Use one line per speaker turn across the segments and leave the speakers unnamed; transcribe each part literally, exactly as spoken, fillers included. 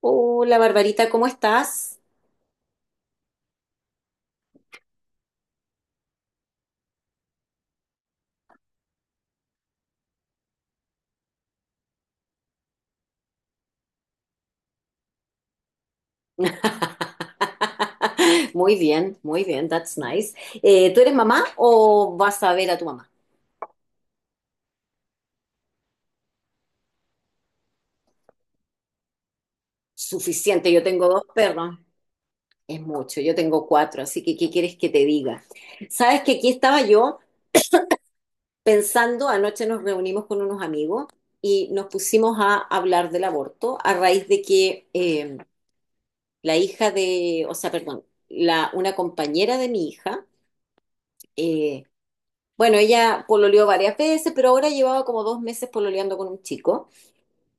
Hola Barbarita, ¿cómo estás? Muy bien, muy bien, that's nice. Eh, ¿tú eres mamá o vas a ver a tu mamá? Suficiente, yo tengo dos perros, es mucho, yo tengo cuatro, así que ¿qué quieres que te diga? Sabes que aquí estaba yo pensando, anoche nos reunimos con unos amigos y nos pusimos a hablar del aborto a raíz de que eh, la hija de, o sea, perdón, la, una compañera de mi hija, eh, bueno, ella pololeó varias veces, pero ahora llevaba como dos meses pololeando con un chico.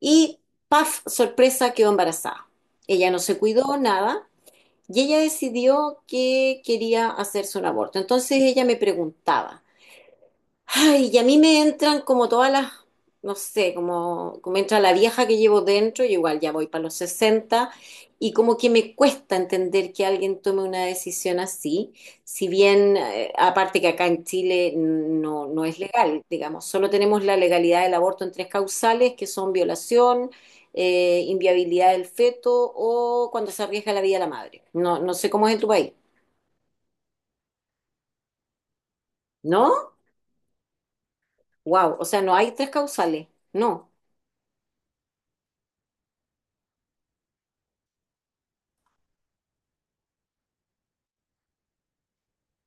Y, paf, sorpresa, quedó embarazada. Ella no se cuidó, nada. Y ella decidió que quería hacerse un aborto. Entonces ella me preguntaba, ay, y a mí me entran como todas las, no sé, como, como entra la vieja que llevo dentro, yo igual ya voy para los sesenta y como que me cuesta entender que alguien tome una decisión así, si bien, eh, aparte que acá en Chile no, no es legal, digamos, solo tenemos la legalidad del aborto en tres causales, que son violación, eh, inviabilidad del feto o cuando se arriesga la vida de la madre. No, no sé cómo es en tu país, ¿no? Wow, o sea, no hay tres causales, no.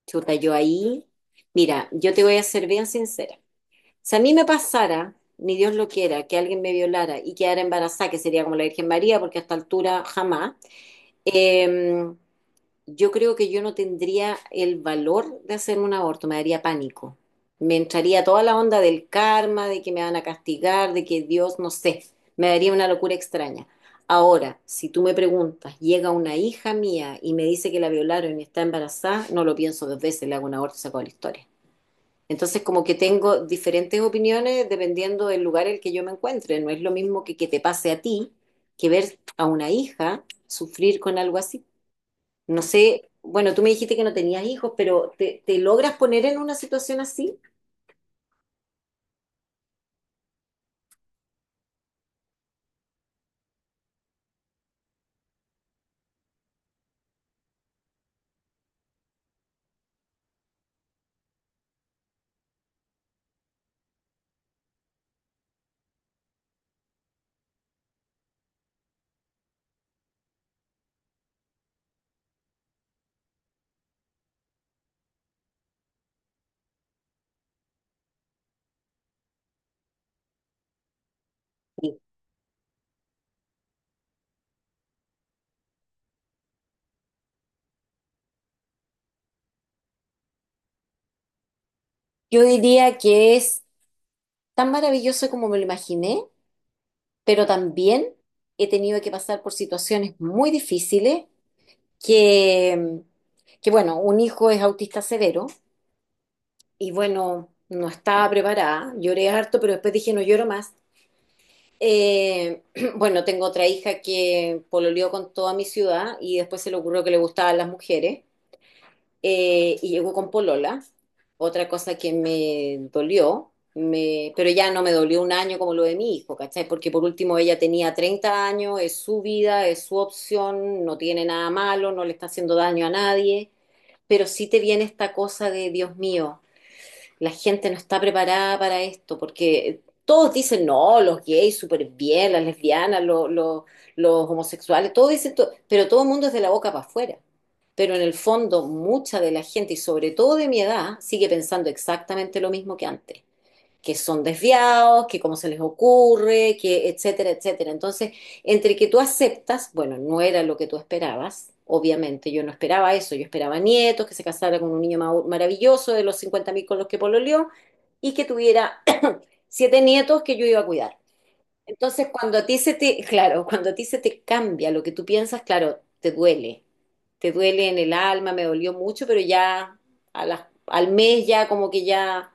Chuta, yo ahí, mira, yo te voy a ser bien sincera. Si a mí me pasara, ni Dios lo quiera, que alguien me violara y quedara embarazada, que sería como la Virgen María, porque a esta altura jamás, eh, yo creo que yo no tendría el valor de hacer un aborto, me daría pánico. Me entraría toda la onda del karma, de que me van a castigar, de que Dios, no sé, me daría una locura extraña. Ahora, si tú me preguntas, llega una hija mía y me dice que la violaron y está embarazada, no lo pienso dos veces, le hago un aborto y saco la historia. Entonces, como que tengo diferentes opiniones dependiendo del lugar en el que yo me encuentre. No es lo mismo que que te pase a ti que ver a una hija sufrir con algo así. No sé, bueno, tú me dijiste que no tenías hijos, pero ¿te, te logras poner en una situación así? Sí. Yo diría que es tan maravilloso como me lo imaginé, pero también he tenido que pasar por situaciones muy difíciles que, que bueno, un hijo es autista severo y bueno, no estaba preparada, lloré harto, pero después dije no lloro más. Eh, bueno, tengo otra hija que pololeó con toda mi ciudad y después se le ocurrió que le gustaban las mujeres. eh, y llegó con polola. Otra cosa que me dolió, me, pero ya no me dolió un año como lo de mi hijo, ¿cachai? Porque por último ella tenía treinta años, es su vida, es su opción, no tiene nada malo, no le está haciendo daño a nadie, pero sí te viene esta cosa de, Dios mío, la gente no está preparada para esto, porque todos dicen, no, los gays súper bien, las lesbianas, los, los, los homosexuales, todos dicen, to- pero todo el mundo es de la boca para afuera. Pero en el fondo, mucha de la gente, y sobre todo de mi edad, sigue pensando exactamente lo mismo que antes, que son desviados, que cómo se les ocurre, que etcétera, etcétera. Entonces, entre que tú aceptas, bueno, no era lo que tú esperabas, obviamente, yo no esperaba eso, yo esperaba nietos, que se casara con un niño maravilloso de los cincuenta mil con los que pololeó y que tuviera siete nietos que yo iba a cuidar. Entonces, cuando a ti se te, claro, cuando a ti se te cambia lo que tú piensas, claro, te duele, te duele en el alma, me dolió mucho, pero ya a las- al mes ya como que ya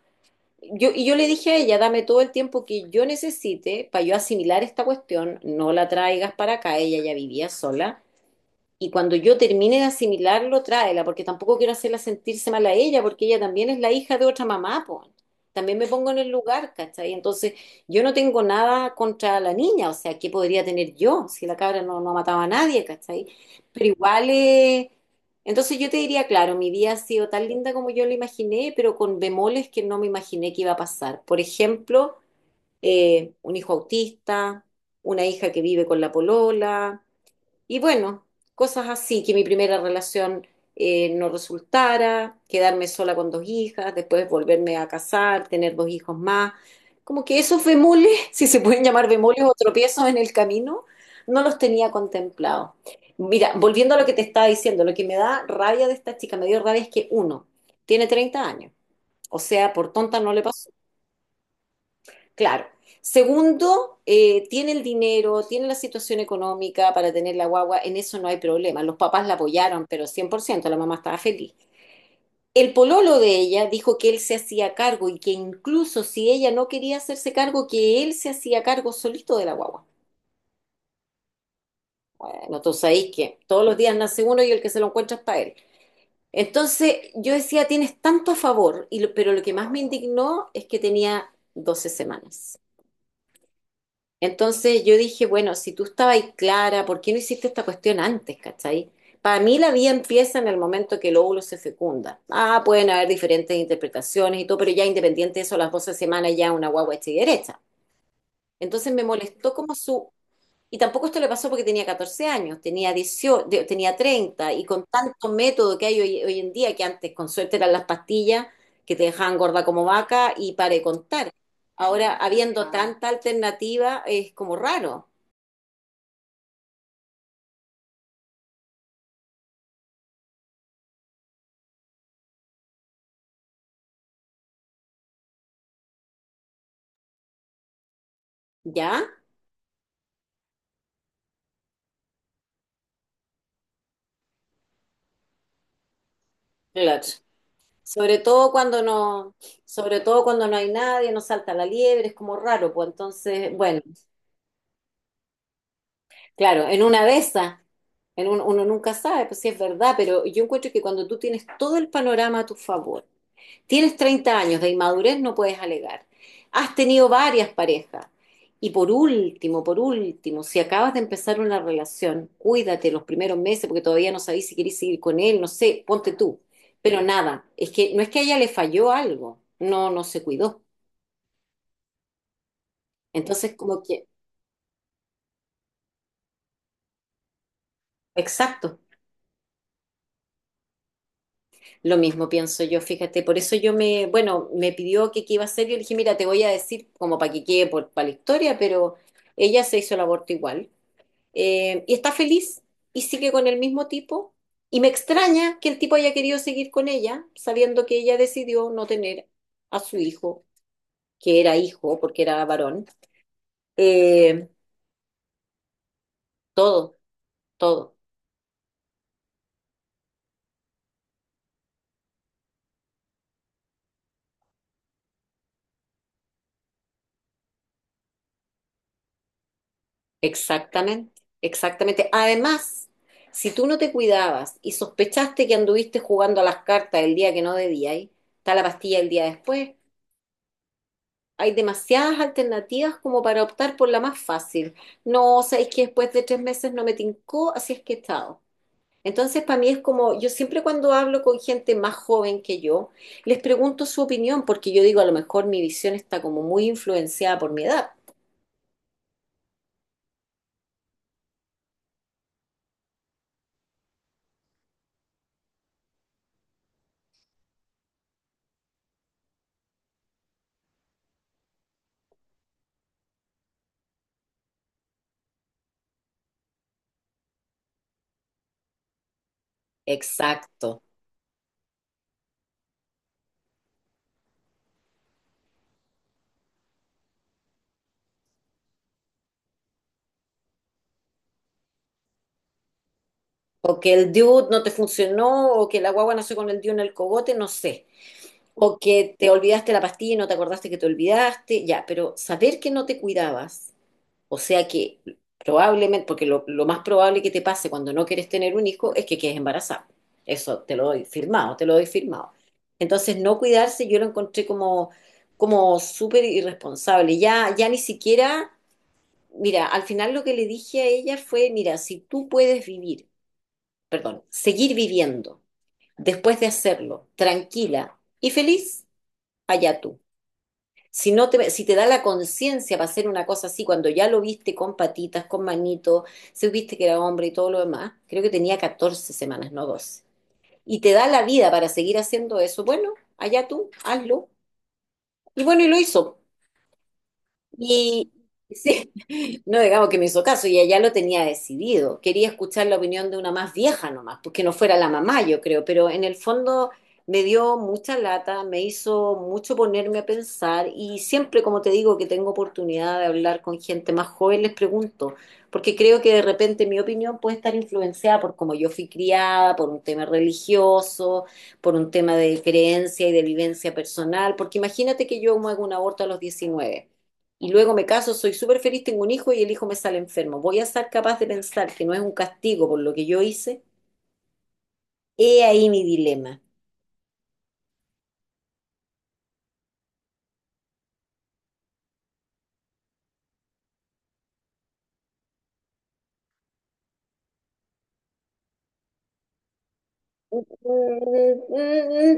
yo, y yo le dije a ella, dame todo el tiempo que yo necesite para yo asimilar esta cuestión, no la traigas para acá, ella ya vivía sola. Y cuando yo termine de asimilarlo, tráela, porque tampoco quiero hacerla sentirse mal a ella, porque ella también es la hija de otra mamá, pues. También me pongo en el lugar, ¿cachai? Entonces, yo no tengo nada contra la niña, o sea, ¿qué podría tener yo si la cabra no, no mataba a nadie, cachai? Pero igual, eh, entonces yo te diría, claro, mi vida ha sido tan linda como yo la imaginé, pero con bemoles que no me imaginé que iba a pasar. Por ejemplo, eh, un hijo autista, una hija que vive con la polola y bueno, cosas así, que mi primera relación eh, no resultara, quedarme sola con dos hijas, después volverme a casar, tener dos hijos más. Como que esos bemoles, si se pueden llamar bemoles o tropiezos en el camino, no los tenía contemplados. Mira, volviendo a lo que te estaba diciendo, lo que me da rabia de esta chica, me dio rabia es que uno, tiene treinta años, o sea, por tonta no le pasó. Claro. Segundo, eh, tiene el dinero, tiene la situación económica para tener la guagua, en eso no hay problema. Los papás la apoyaron, pero cien por ciento la mamá estaba feliz. El pololo de ella dijo que él se hacía cargo y que incluso si ella no quería hacerse cargo, que él se hacía cargo solito de la guagua. Bueno, tú sabéis que todos los días nace uno y el que se lo encuentra es para él. Entonces yo decía, tienes tanto a favor, y lo- pero lo que más me indignó es que tenía doce semanas. Entonces yo dije, bueno, si tú estabas ahí clara, ¿por qué no hiciste esta cuestión antes, cachai? Para mí la vida empieza en el momento que el óvulo se fecunda. Ah, pueden haber diferentes interpretaciones y todo, pero ya independiente de eso, a las doce semanas ya una guagua hecha y derecha. Entonces me molestó como su... Y tampoco esto le pasó porque tenía catorce años, tenía dieciocho, de- tenía treinta y con tanto método que hay hoy, hoy, en día, que antes con suerte eran las pastillas que te dejaban gorda como vaca y para de contar. Ahora, habiendo ah, tanta alternativa, es como raro. ¿Ya? Clutch. Sobre todo cuando no, sobre todo cuando no hay nadie, no salta la liebre, es como raro, pues entonces, bueno, claro, en una de esas, en un- uno nunca sabe, pues sí es verdad, pero yo encuentro que cuando tú tienes todo el panorama a tu favor, tienes treinta años de inmadurez, no puedes alegar. Has tenido varias parejas. Y por último, por último, si acabas de empezar una relación, cuídate los primeros meses porque todavía no sabéis si querés seguir con él, no sé, ponte tú. Pero nada, es que no es que a ella le falló algo, no, no se cuidó. Entonces, como que, exacto, lo mismo pienso yo, fíjate, por eso yo me, bueno, me pidió que qué iba a hacer, yo le dije, mira, te voy a decir como para que quede por, para la historia, pero ella se hizo el aborto igual. eh, y está feliz y sigue con el mismo tipo. Y me extraña que el tipo haya querido seguir con ella, sabiendo que ella decidió no tener a su hijo, que era hijo porque era varón. Eh, todo, todo, exactamente, exactamente. Además, si tú no te cuidabas y sospechaste que anduviste jugando a las cartas el día que no debías, está la pastilla el día después, hay demasiadas alternativas como para optar por la más fácil. No, o sea, es que después de tres meses no me tincó, así es que he estado. Entonces, para mí es como, yo siempre cuando hablo con gente más joven que yo, les pregunto su opinión, porque yo digo, a lo mejor mi visión está como muy influenciada por mi edad. Exacto. O que el dude no te funcionó, o que la guagua nació con el dude en el cogote, no sé. O que te olvidaste la pastilla y no te acordaste que te olvidaste, ya, pero saber que no te cuidabas. O sea que probablemente, porque lo, lo más probable que te pase cuando no quieres tener un hijo es que quedes embarazada. Eso te lo doy firmado, te lo doy firmado. Entonces, no cuidarse yo lo encontré como, como, súper irresponsable. Ya, ya ni siquiera, mira, al final lo que le dije a ella fue, mira, si tú puedes vivir, perdón, seguir viviendo después de hacerlo, tranquila y feliz, allá tú. Si, no te, si te da la conciencia para hacer una cosa así, cuando ya lo viste con patitas, con manitos, si viste que era hombre y todo lo demás, creo que tenía catorce semanas, no doce. Y te da la vida para seguir haciendo eso, bueno, allá tú, hazlo. Y bueno, y lo hizo. Y sí, no digamos que me hizo caso, y ella lo tenía decidido. Quería escuchar la opinión de una más vieja nomás, porque no fuera la mamá, yo creo, pero en el fondo me dio mucha lata, me hizo mucho ponerme a pensar, y siempre, como te digo, que tengo oportunidad de hablar con gente más joven, les pregunto, porque creo que de repente mi opinión puede estar influenciada por cómo yo fui criada, por un tema religioso, por un tema de creencia y de vivencia personal, porque imagínate que yo me hago un aborto a los diecinueve y luego me caso, soy súper feliz, tengo un hijo y el hijo me sale enfermo. ¿Voy a ser capaz de pensar que no es un castigo por lo que yo hice? He ahí mi dilema. Mm,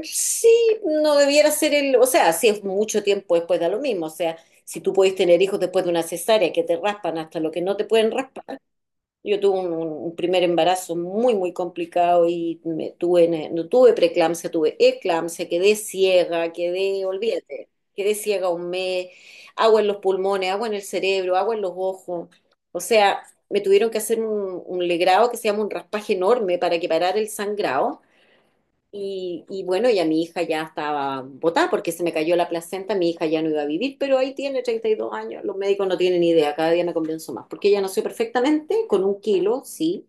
mm, sí, no debiera ser el, o sea, si es mucho tiempo después da lo mismo, o sea, si tú puedes tener hijos después de una cesárea que te raspan hasta lo que no te pueden raspar. Yo tuve un, un primer embarazo muy, muy complicado y me tuve, no tuve preeclampsia, tuve eclampsia, quedé ciega, quedé, olvídate, quedé ciega un mes, agua en los pulmones, agua en el cerebro, agua en los ojos. O sea, me tuvieron que hacer un, un legrado que se llama un raspaje enorme para que parara el sangrado, y, y bueno, ya mi hija ya estaba botada porque se me cayó la placenta, mi hija ya no iba a vivir, pero ahí tiene treinta y dos años, los médicos no tienen idea, cada día me convenzo más, porque ella nació perfectamente, con un kilo, sí,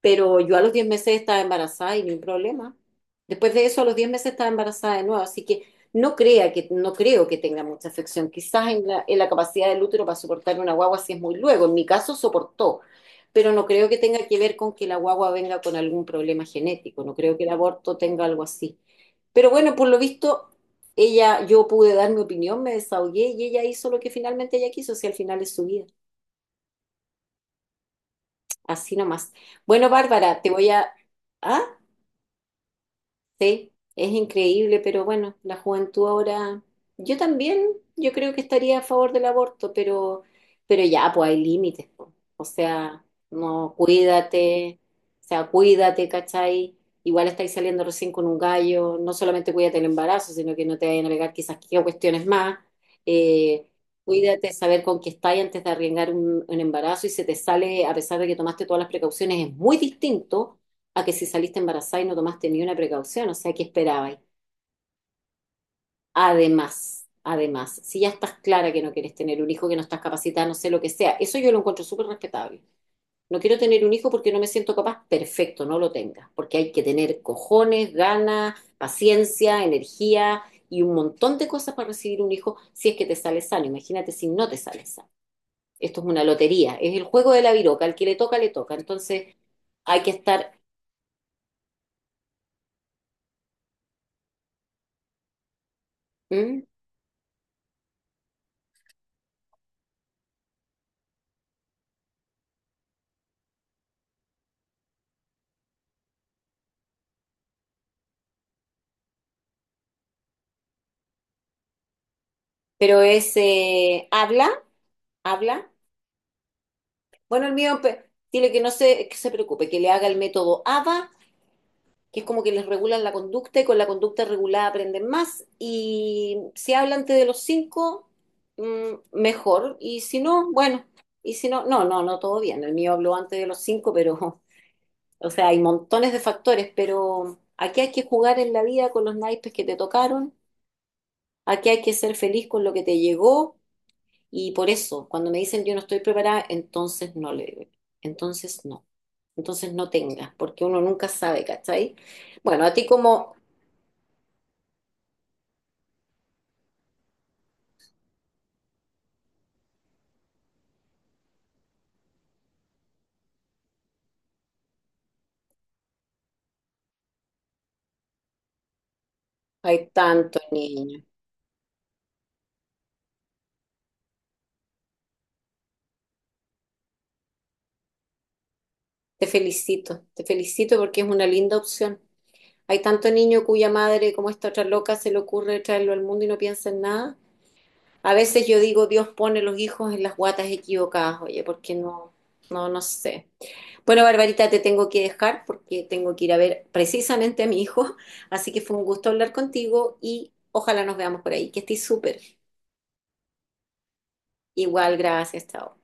pero yo a los diez meses estaba embarazada y ni un problema. Después de eso, a los diez meses estaba embarazada de nuevo, así que no crea que, no creo que tenga mucha afección. Quizás en la, en la capacidad del útero para soportar una guagua si es muy luego. En mi caso soportó, pero no creo que tenga que ver con que la guagua venga con algún problema genético. No creo que el aborto tenga algo así. Pero bueno, por lo visto, ella, yo pude dar mi opinión, me desahogué y ella hizo lo que finalmente ella quiso, si al final es su vida. Así nomás. Bueno, Bárbara, te voy a... ¿Ah? Sí, es increíble, pero bueno, la juventud ahora, yo también, yo creo que estaría a favor del aborto, pero, pero ya, pues hay límites, po. O sea, no, cuídate, o sea, cuídate, ¿cachai? Igual estáis saliendo recién con un gallo, no solamente cuídate el embarazo, sino que no te vayan a pegar quizás qué cuestiones más. Eh, cuídate, saber con qué estáis antes de arriesgar un, un embarazo y se te sale, a pesar de que tomaste todas las precauciones, es muy distinto a que si saliste embarazada y no tomaste ni una precaución, o sea, ¿qué esperabais? Además, además, si ya estás clara que no quieres tener un hijo, que no estás capacitada, no sé lo que sea, eso yo lo encuentro súper respetable. No quiero tener un hijo porque no me siento capaz, perfecto, no lo tengas, porque hay que tener cojones, ganas, paciencia, energía y un montón de cosas para recibir un hijo si es que te sale sano. Imagínate si no te sale sano. Esto es una lotería, es el juego de la viroca, al que le toca, le toca. Entonces, hay que estar, ¿Mm? pero es, eh, habla habla. Bueno, el mío, pe- dile que no se, que se preocupe, que le haga el método A B A, que es como que les regulan la conducta y con la conducta regulada aprenden más. Y si habla antes de los cinco, mm, mejor. Y si no, bueno. Y si no, no, no, no, todo bien. El mío habló antes de los cinco, pero, o sea, hay montones de factores, pero aquí hay que jugar en la vida con los naipes que te tocaron. Aquí hay que ser feliz con lo que te llegó. Y por eso, cuando me dicen yo no estoy preparada, entonces no le digo, entonces no, entonces no tengas, porque uno nunca sabe, ¿cachai? Bueno, a ti como hay tanto niño, te felicito, te felicito porque es una linda opción. Hay tanto niño cuya madre, como esta otra loca, se le ocurre traerlo al mundo y no piensa en nada. A veces yo digo, Dios pone los hijos en las guatas equivocadas, oye, porque no, no, no sé. Bueno, Barbarita, te tengo que dejar porque tengo que ir a ver precisamente a mi hijo, así que fue un gusto hablar contigo y ojalá nos veamos por ahí. Que estés súper. Igual, gracias, chao.